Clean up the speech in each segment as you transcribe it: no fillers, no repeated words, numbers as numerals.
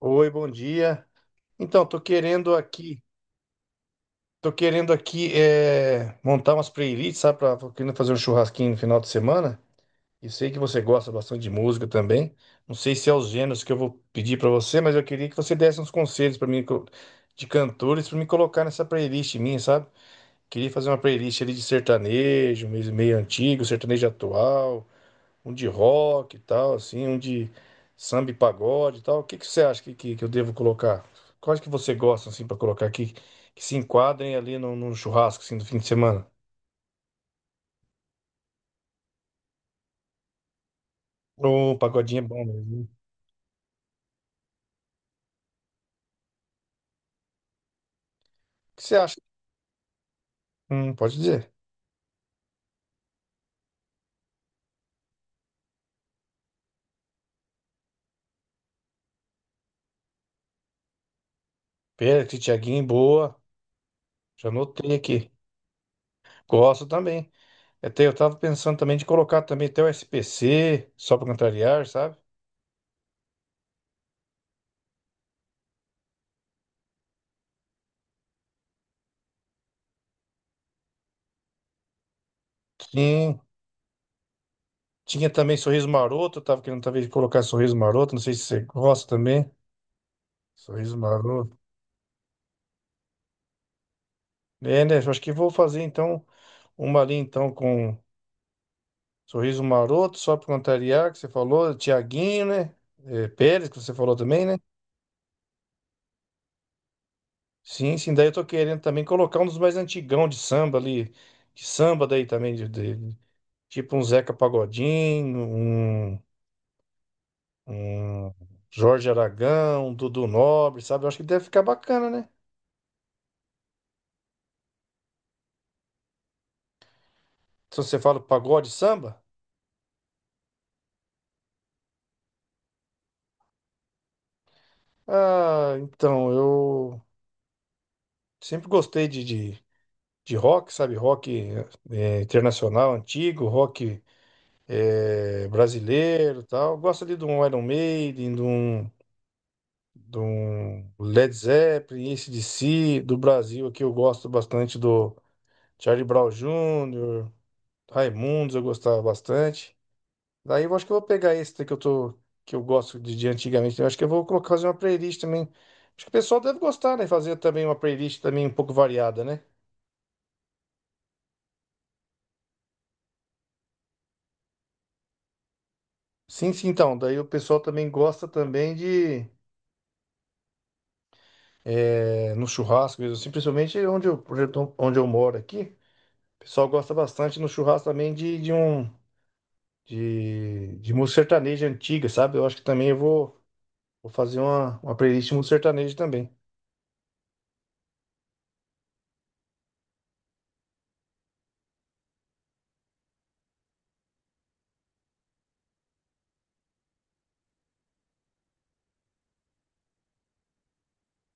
Oi, bom dia. Então, tô querendo aqui montar umas playlists, sabe? Tô querendo fazer um churrasquinho no final de semana. E sei que você gosta bastante de música também. Não sei se é os gêneros que eu vou pedir pra você, mas eu queria que você desse uns conselhos pra mim de cantores pra me colocar nessa playlist minha, sabe? Queria fazer uma playlist ali de sertanejo, meio antigo, sertanejo atual, um de rock e tal, assim, um de samba e pagode e tal. O que que você acha que eu devo colocar? Quais que você gosta, assim, para colocar aqui, que se enquadrem ali no churrasco, assim, do fim de semana? O pagodinho é bom mesmo. O que você acha? Pode dizer. Pérez, Thiaguinho, boa. Já anotei aqui. Gosto também. Até eu tava pensando também de colocar também até o SPC, só pra contrariar, sabe? Sim. Tinha também Sorriso Maroto, eu tava querendo talvez colocar Sorriso Maroto, não sei se você gosta também. Sorriso Maroto. É, né? Eu acho que vou fazer então uma ali então com Sorriso Maroto, só para contrariar, que você falou, Tiaguinho, né? É, Pérez, que você falou também, né? Sim, sim, daí eu tô querendo também colocar um dos mais antigão de samba ali, de samba daí também, tipo um Zeca Pagodinho, um Jorge Aragão, um Dudu Nobre, sabe? Eu acho que deve ficar bacana, né? Se você fala pagode samba, ah, então eu sempre gostei de rock, sabe? Rock. É, internacional antigo, rock, brasileiro e tal. Gosto ali de um Iron Maiden, de um Led Zeppelin, AC/DC, do Brasil aqui eu gosto bastante do Charlie Brown Jr., Raimundos eu gostava bastante. Daí eu acho que eu vou pegar esse daí que eu gosto de antigamente. Eu acho que eu vou colocar fazer uma playlist também. Acho que o pessoal deve gostar, né? Fazer também uma playlist também um pouco variada, né? Sim, sim, então. Daí o pessoal também gosta também de, no churrasco, mesmo assim, principalmente onde eu moro aqui. O pessoal gosta bastante no churrasco também de um de música sertaneja antiga, sabe? Eu acho que também vou fazer uma playlist de música sertaneja também.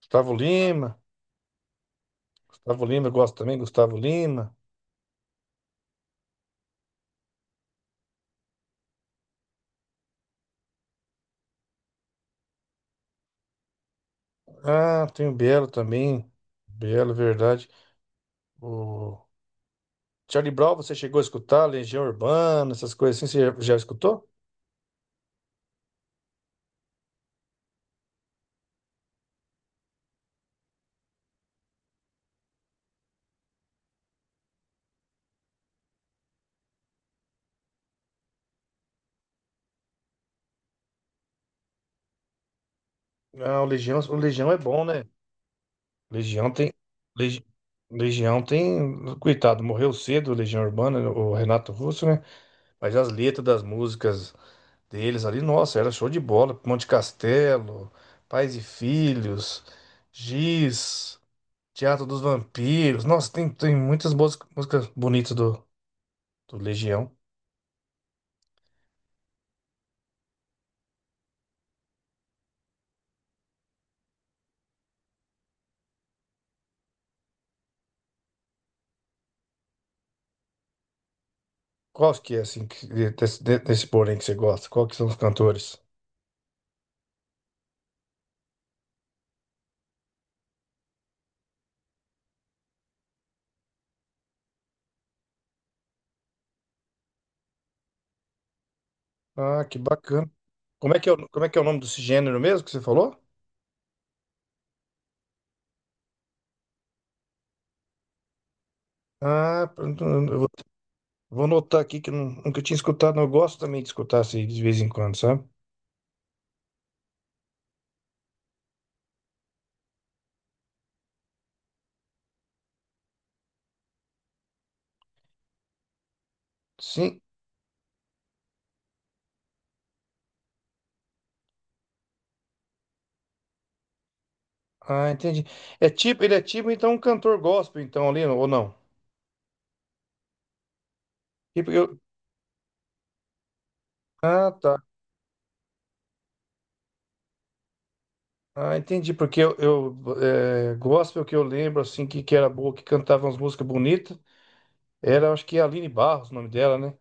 Gustavo Lima, Gustavo Lima, eu gosto também, Gustavo Lima. Ah, tem o Belo também. Belo, verdade. O Charlie Brown, você chegou a escutar? Legião Urbana, essas coisas assim, você já escutou? Ah, o Legião é bom, né? Legião tem. Legi- Legião tem. Coitado, morreu cedo, Legião Urbana, o Renato Russo, né? Mas as letras das músicas deles ali, nossa, era show de bola. Monte Castelo, Pais e Filhos, Giz, Teatro dos Vampiros. Nossa, tem, tem muitas boas músicas bonitas do Legião. Qual que é, assim, desse porém que você gosta? Qual que são os cantores? Ah, que bacana. Como é que é, como é que é o nome desse gênero mesmo que você falou? Ah, vou anotar aqui que eu nunca tinha escutado. Eu gosto também de escutar assim, de vez em quando, sabe? Sim. Ah, entendi. É tipo, ele é tipo então um cantor gospel, então, ali, ou não? Tipo, eu... Ah, tá. Ah, entendi. Porque eu é, gospel que eu lembro, assim, que era boa, que cantava umas músicas bonitas. Era, acho que é Aline Barros, o nome dela, né?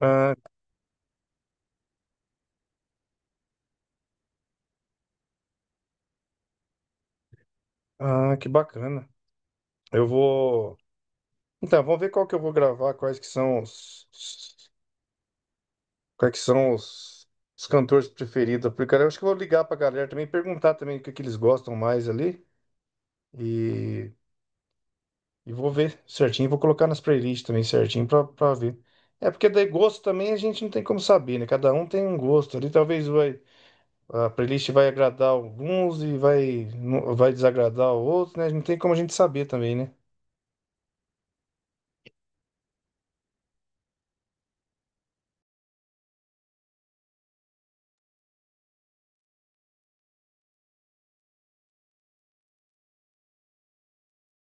Ah, ah, que bacana. Eu vou. Então, vamos ver qual que eu vou gravar, quais que são os. Quais os cantores preferidos? Porque cara, eu acho que eu vou ligar pra galera também, perguntar também que eles gostam mais ali. E, e vou ver certinho, vou colocar nas playlists também certinho pra ver. É porque daí gosto também a gente não tem como saber, né? Cada um tem um gosto ali. A playlist vai agradar alguns vai desagradar outros, né? Não tem como a gente saber também, né?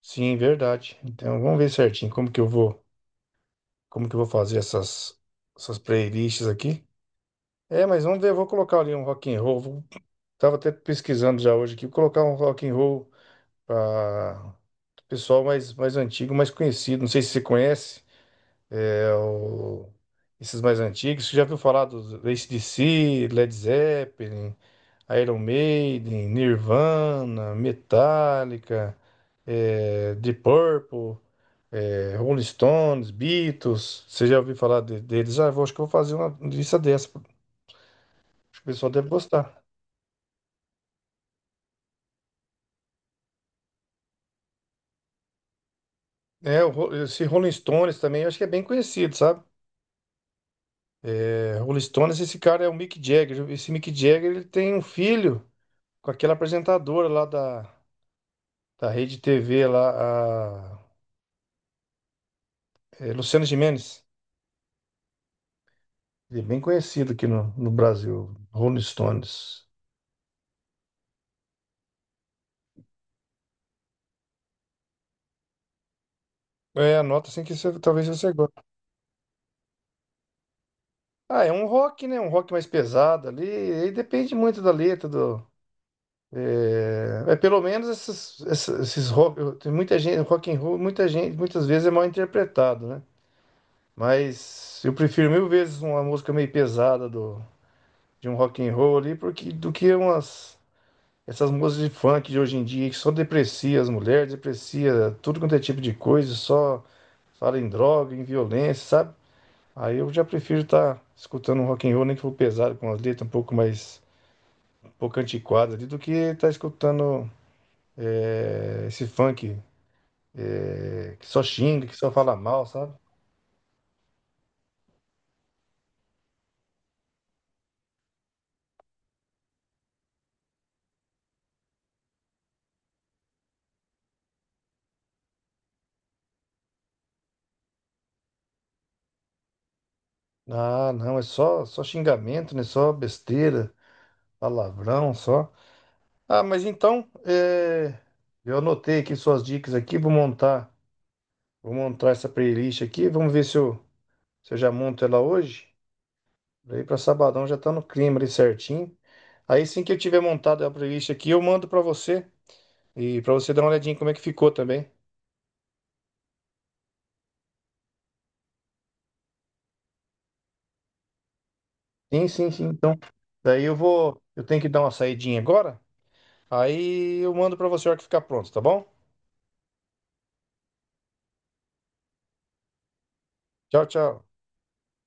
Sim, verdade. Então vamos ver certinho como que eu vou fazer essas playlists aqui. É, mas vamos ver, eu vou colocar ali um rock and roll. Tava até pesquisando já hoje aqui, vou colocar um rock and roll para pessoal mais, mais antigo, mais conhecido. Não sei se você conhece é, esses mais antigos. Você já viu falar dos AC/DC, Led Zeppelin, Iron Maiden, Nirvana, Metallica, The Purple, Rolling Stones, Beatles. Você já ouviu falar deles? Ah, acho que eu vou fazer uma lista dessa. Acho que o pessoal deve gostar. É, esse Rolling Stones também, eu acho que é bem conhecido, sabe? É, Rolling Stones, esse cara é o Mick Jagger. Esse Mick Jagger, ele tem um filho com aquela apresentadora lá da Rede TV, lá, Luciana Gimenez. Ele é bem conhecido aqui no Brasil, Rolling Stones. É, anota assim talvez você goste. Ah, é um rock, né? Um rock mais pesado ali. Aí depende muito da letra, do... Pelo menos esses rock... Tem muita gente, rock and roll, muita gente, muitas vezes é mal interpretado, né? Mas eu prefiro mil vezes uma música meio pesada de um rock and roll ali, porque do que umas essas músicas de funk de hoje em dia que só deprecia as mulheres, deprecia tudo quanto é tipo de coisa, só fala em droga, em violência, sabe? Aí eu já prefiro estar escutando um rock and roll, nem que for pesado, com as letras um pouco mais um pouco antiquadas ali, do que estar escutando esse funk que só xinga, que só fala mal, sabe? Ah, não, é só xingamento, né? Só besteira. Palavrão só. Ah, mas então, eu anotei aqui suas dicas aqui, vou montar essa playlist aqui, vamos ver se eu já monto ela hoje. Daí para sabadão já tá no clima ali certinho. Aí assim que eu tiver montado a playlist aqui, eu mando para você e para você dar uma olhadinha como é que ficou também. Sim, sim, sim. Então, eu tenho que dar uma saidinha agora. Aí eu mando para você a hora que ficar pronto, tá bom? Tchau, tchau.